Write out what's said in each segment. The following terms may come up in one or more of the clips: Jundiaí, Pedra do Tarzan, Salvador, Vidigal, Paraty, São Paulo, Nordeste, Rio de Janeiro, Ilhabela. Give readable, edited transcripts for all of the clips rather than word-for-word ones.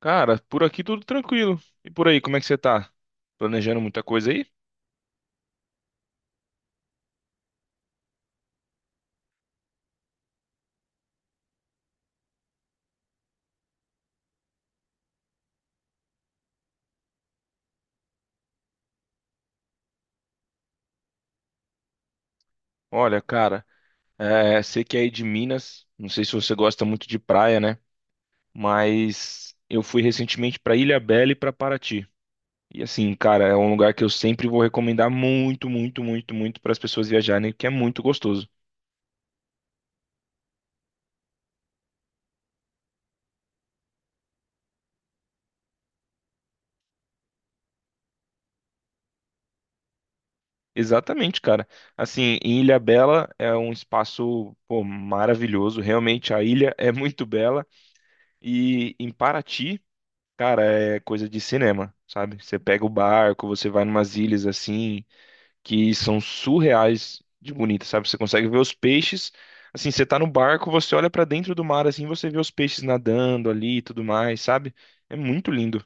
Cara, por aqui tudo tranquilo. E por aí, como é que você tá? Planejando muita coisa aí? Olha, cara, sei que é aí de Minas, não sei se você gosta muito de praia, né? Mas eu fui recentemente pra Ilhabela e pra Paraty. E assim, cara, é um lugar que eu sempre vou recomendar muito, muito, muito, muito para as pessoas viajarem, que é muito gostoso. Exatamente, cara. Assim, em Ilhabela é um espaço, pô, maravilhoso. Realmente a ilha é muito bela. E em Paraty, cara, é coisa de cinema, sabe? Você pega o barco, você vai numas ilhas assim, que são surreais de bonitas, sabe? Você consegue ver os peixes. Assim, você tá no barco, você olha pra dentro do mar assim, você vê os peixes nadando ali e tudo mais, sabe? É muito lindo.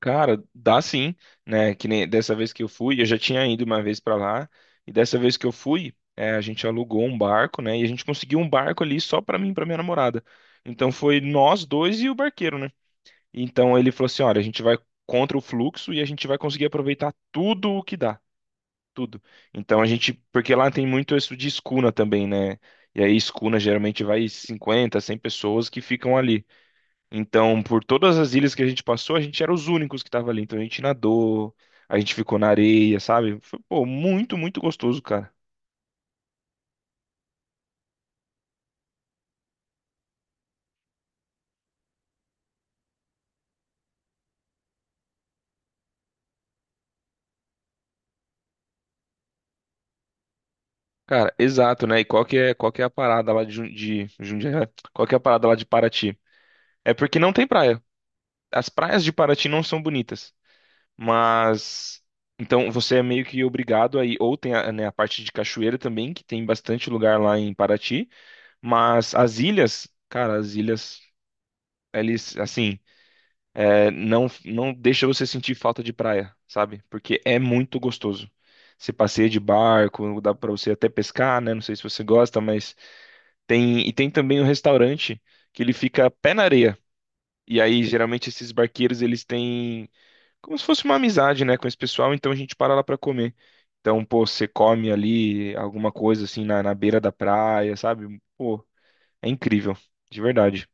Cara, dá sim, né? Que nem dessa vez que eu fui, eu já tinha ido uma vez pra lá, e dessa vez que eu fui, a gente alugou um barco, né? E a gente conseguiu um barco ali só pra mim e pra minha namorada. Então foi nós dois e o barqueiro, né? Então ele falou assim: olha, a gente vai contra o fluxo e a gente vai conseguir aproveitar tudo o que dá, tudo. Então a gente, porque lá tem muito isso de escuna também, né? E aí escuna geralmente vai 50, 100 pessoas que ficam ali. Então, por todas as ilhas que a gente passou, a gente era os únicos que estavam ali. Então a gente nadou, a gente ficou na areia, sabe? Foi, pô, muito, muito gostoso, cara. Cara, exato, né? E qual que é a parada lá de, de Jundiaí? Qual que é a parada lá de Paraty? É porque não tem praia. As praias de Paraty não são bonitas. Mas então você é meio que obrigado aí, ou tem a, né, a parte de cachoeira também, que tem bastante lugar lá em Paraty, mas as ilhas, cara, as ilhas, eles assim, não deixa você sentir falta de praia, sabe? Porque é muito gostoso. Você passeia de barco, dá pra você até pescar, né? Não sei se você gosta, mas tem e tem também um restaurante que ele fica pé na areia. E aí geralmente esses barqueiros eles têm como se fosse uma amizade, né, com esse pessoal, então a gente para lá pra comer. Então, pô, você come ali alguma coisa assim na, na beira da praia, sabe? Pô, é incrível, de verdade.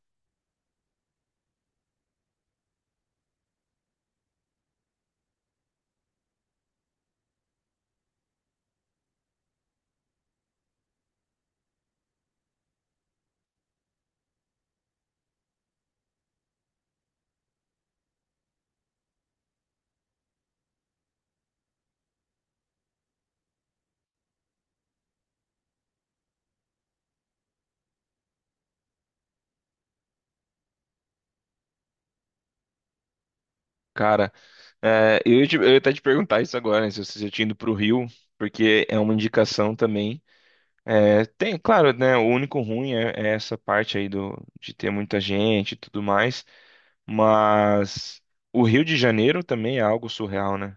Cara, é, eu, eu ia até te perguntar isso agora, né, se você já tinha ido pro Rio, porque é uma indicação também. É, tem, claro, né, o único ruim é essa parte aí do, de ter muita gente e tudo mais, mas o Rio de Janeiro também é algo surreal, né?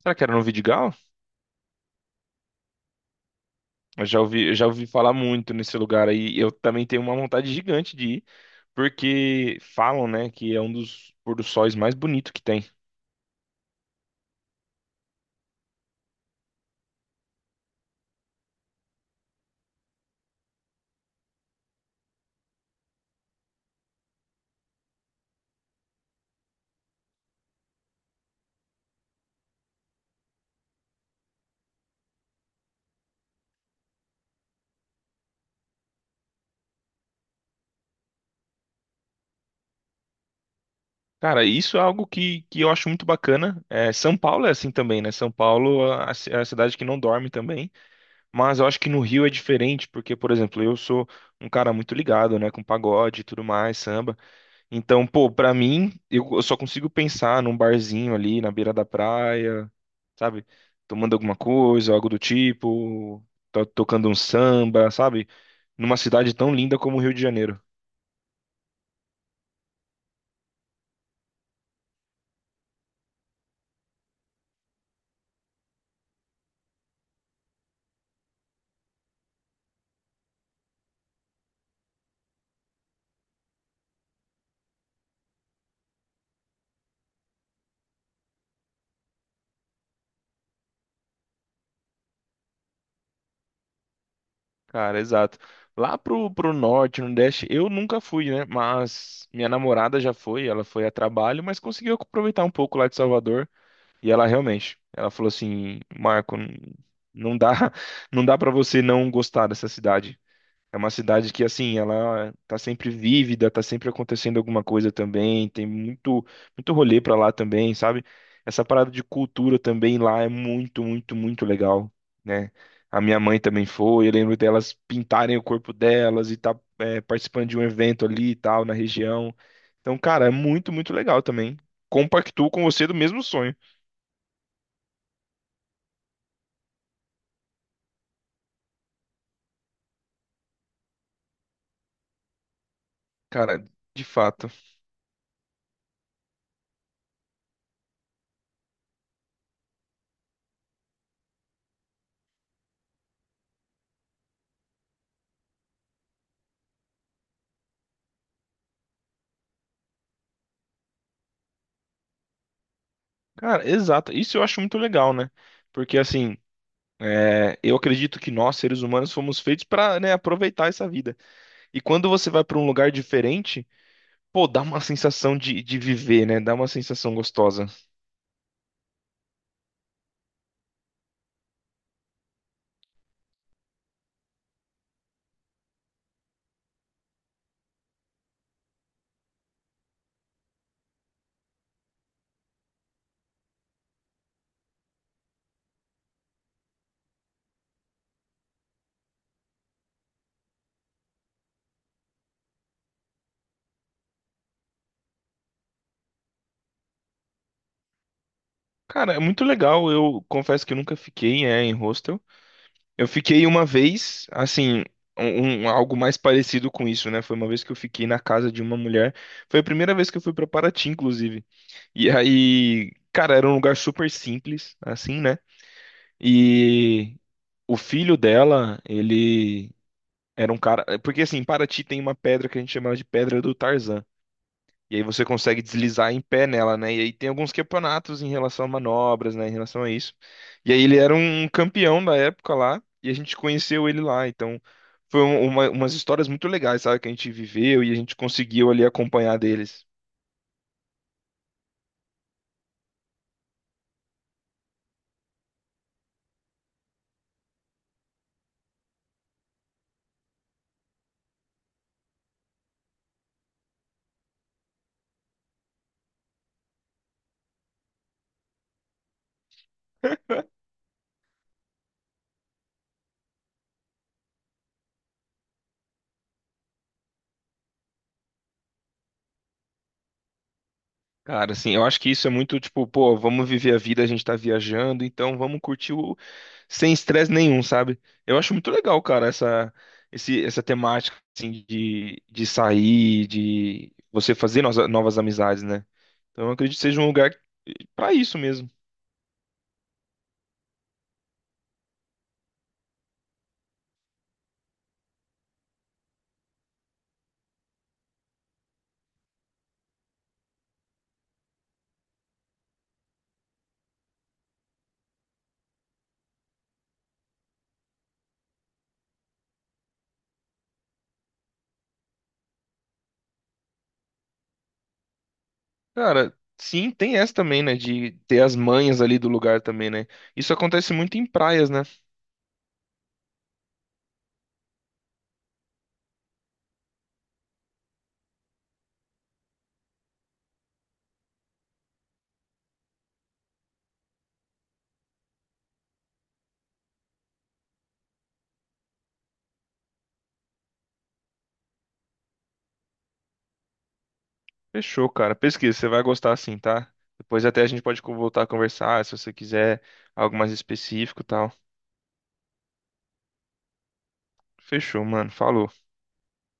Será que era no Vidigal? Eu já ouvi falar muito nesse lugar aí. E eu também tenho uma vontade gigante de ir, porque falam, né, que é um dos pôr do sóis mais bonito que tem. Cara, isso é algo que eu acho muito bacana. É, São Paulo é assim também, né? São Paulo é a cidade que não dorme também. Mas eu acho que no Rio é diferente, porque, por exemplo, eu sou um cara muito ligado, né, com pagode e tudo mais, samba. Então, pô, pra mim, eu só consigo pensar num barzinho ali na beira da praia, sabe? Tomando alguma coisa, algo do tipo, tocando um samba, sabe? Numa cidade tão linda como o Rio de Janeiro. Cara, exato. Lá pro norte, no Nordeste, eu nunca fui, né? Mas minha namorada já foi, ela foi a trabalho, mas conseguiu aproveitar um pouco lá de Salvador. E ela realmente, ela falou assim: Marco, não dá, não dá para você não gostar dessa cidade. É uma cidade que, assim, ela tá sempre vívida, tá sempre acontecendo alguma coisa também, tem muito, muito rolê pra lá também, sabe? Essa parada de cultura também lá é muito, muito, muito legal, né? A minha mãe também foi, eu lembro delas pintarem o corpo delas e tá, participando de um evento ali e tal, na região. Então, cara, é muito, muito legal também. Compactuo com você do mesmo sonho. Cara, de fato. Cara, exato. Isso eu acho muito legal, né? Porque, assim. É, eu acredito que nós, seres humanos, fomos feitos para aproveitar essa vida. E quando você vai para um lugar diferente, pô, dá uma sensação de viver, né? Dá uma sensação gostosa. Cara, é muito legal. Eu confesso que eu nunca fiquei, em hostel. Eu fiquei uma vez, assim, algo mais parecido com isso, né? Foi uma vez que eu fiquei na casa de uma mulher. Foi a primeira vez que eu fui para Paraty, inclusive. E aí, cara, era um lugar super simples, assim, né? E o filho dela, ele era um cara. Porque assim, em Paraty tem uma pedra que a gente chama de Pedra do Tarzan. E aí você consegue deslizar em pé nela, né? E aí tem alguns campeonatos em relação a manobras, né? Em relação a isso. E aí ele era um campeão da época lá. E a gente conheceu ele lá. Então umas histórias muito legais, sabe? Que a gente viveu e a gente conseguiu ali acompanhar deles. Cara, assim, eu acho que isso é muito tipo, pô, vamos viver a vida, a gente tá viajando, então vamos curtir o sem estresse nenhum, sabe? Eu acho muito legal, cara, essa temática, assim, de sair, de você fazer novas, novas amizades, né? Então eu acredito que seja um lugar pra isso mesmo. Cara, sim, tem essa também, né? De ter as manhas ali do lugar também, né? Isso acontece muito em praias, né? Fechou, cara. Pesquisa, você vai gostar assim, tá? Depois até a gente pode voltar a conversar, se você quiser algo mais específico e tal. Fechou, mano. Falou.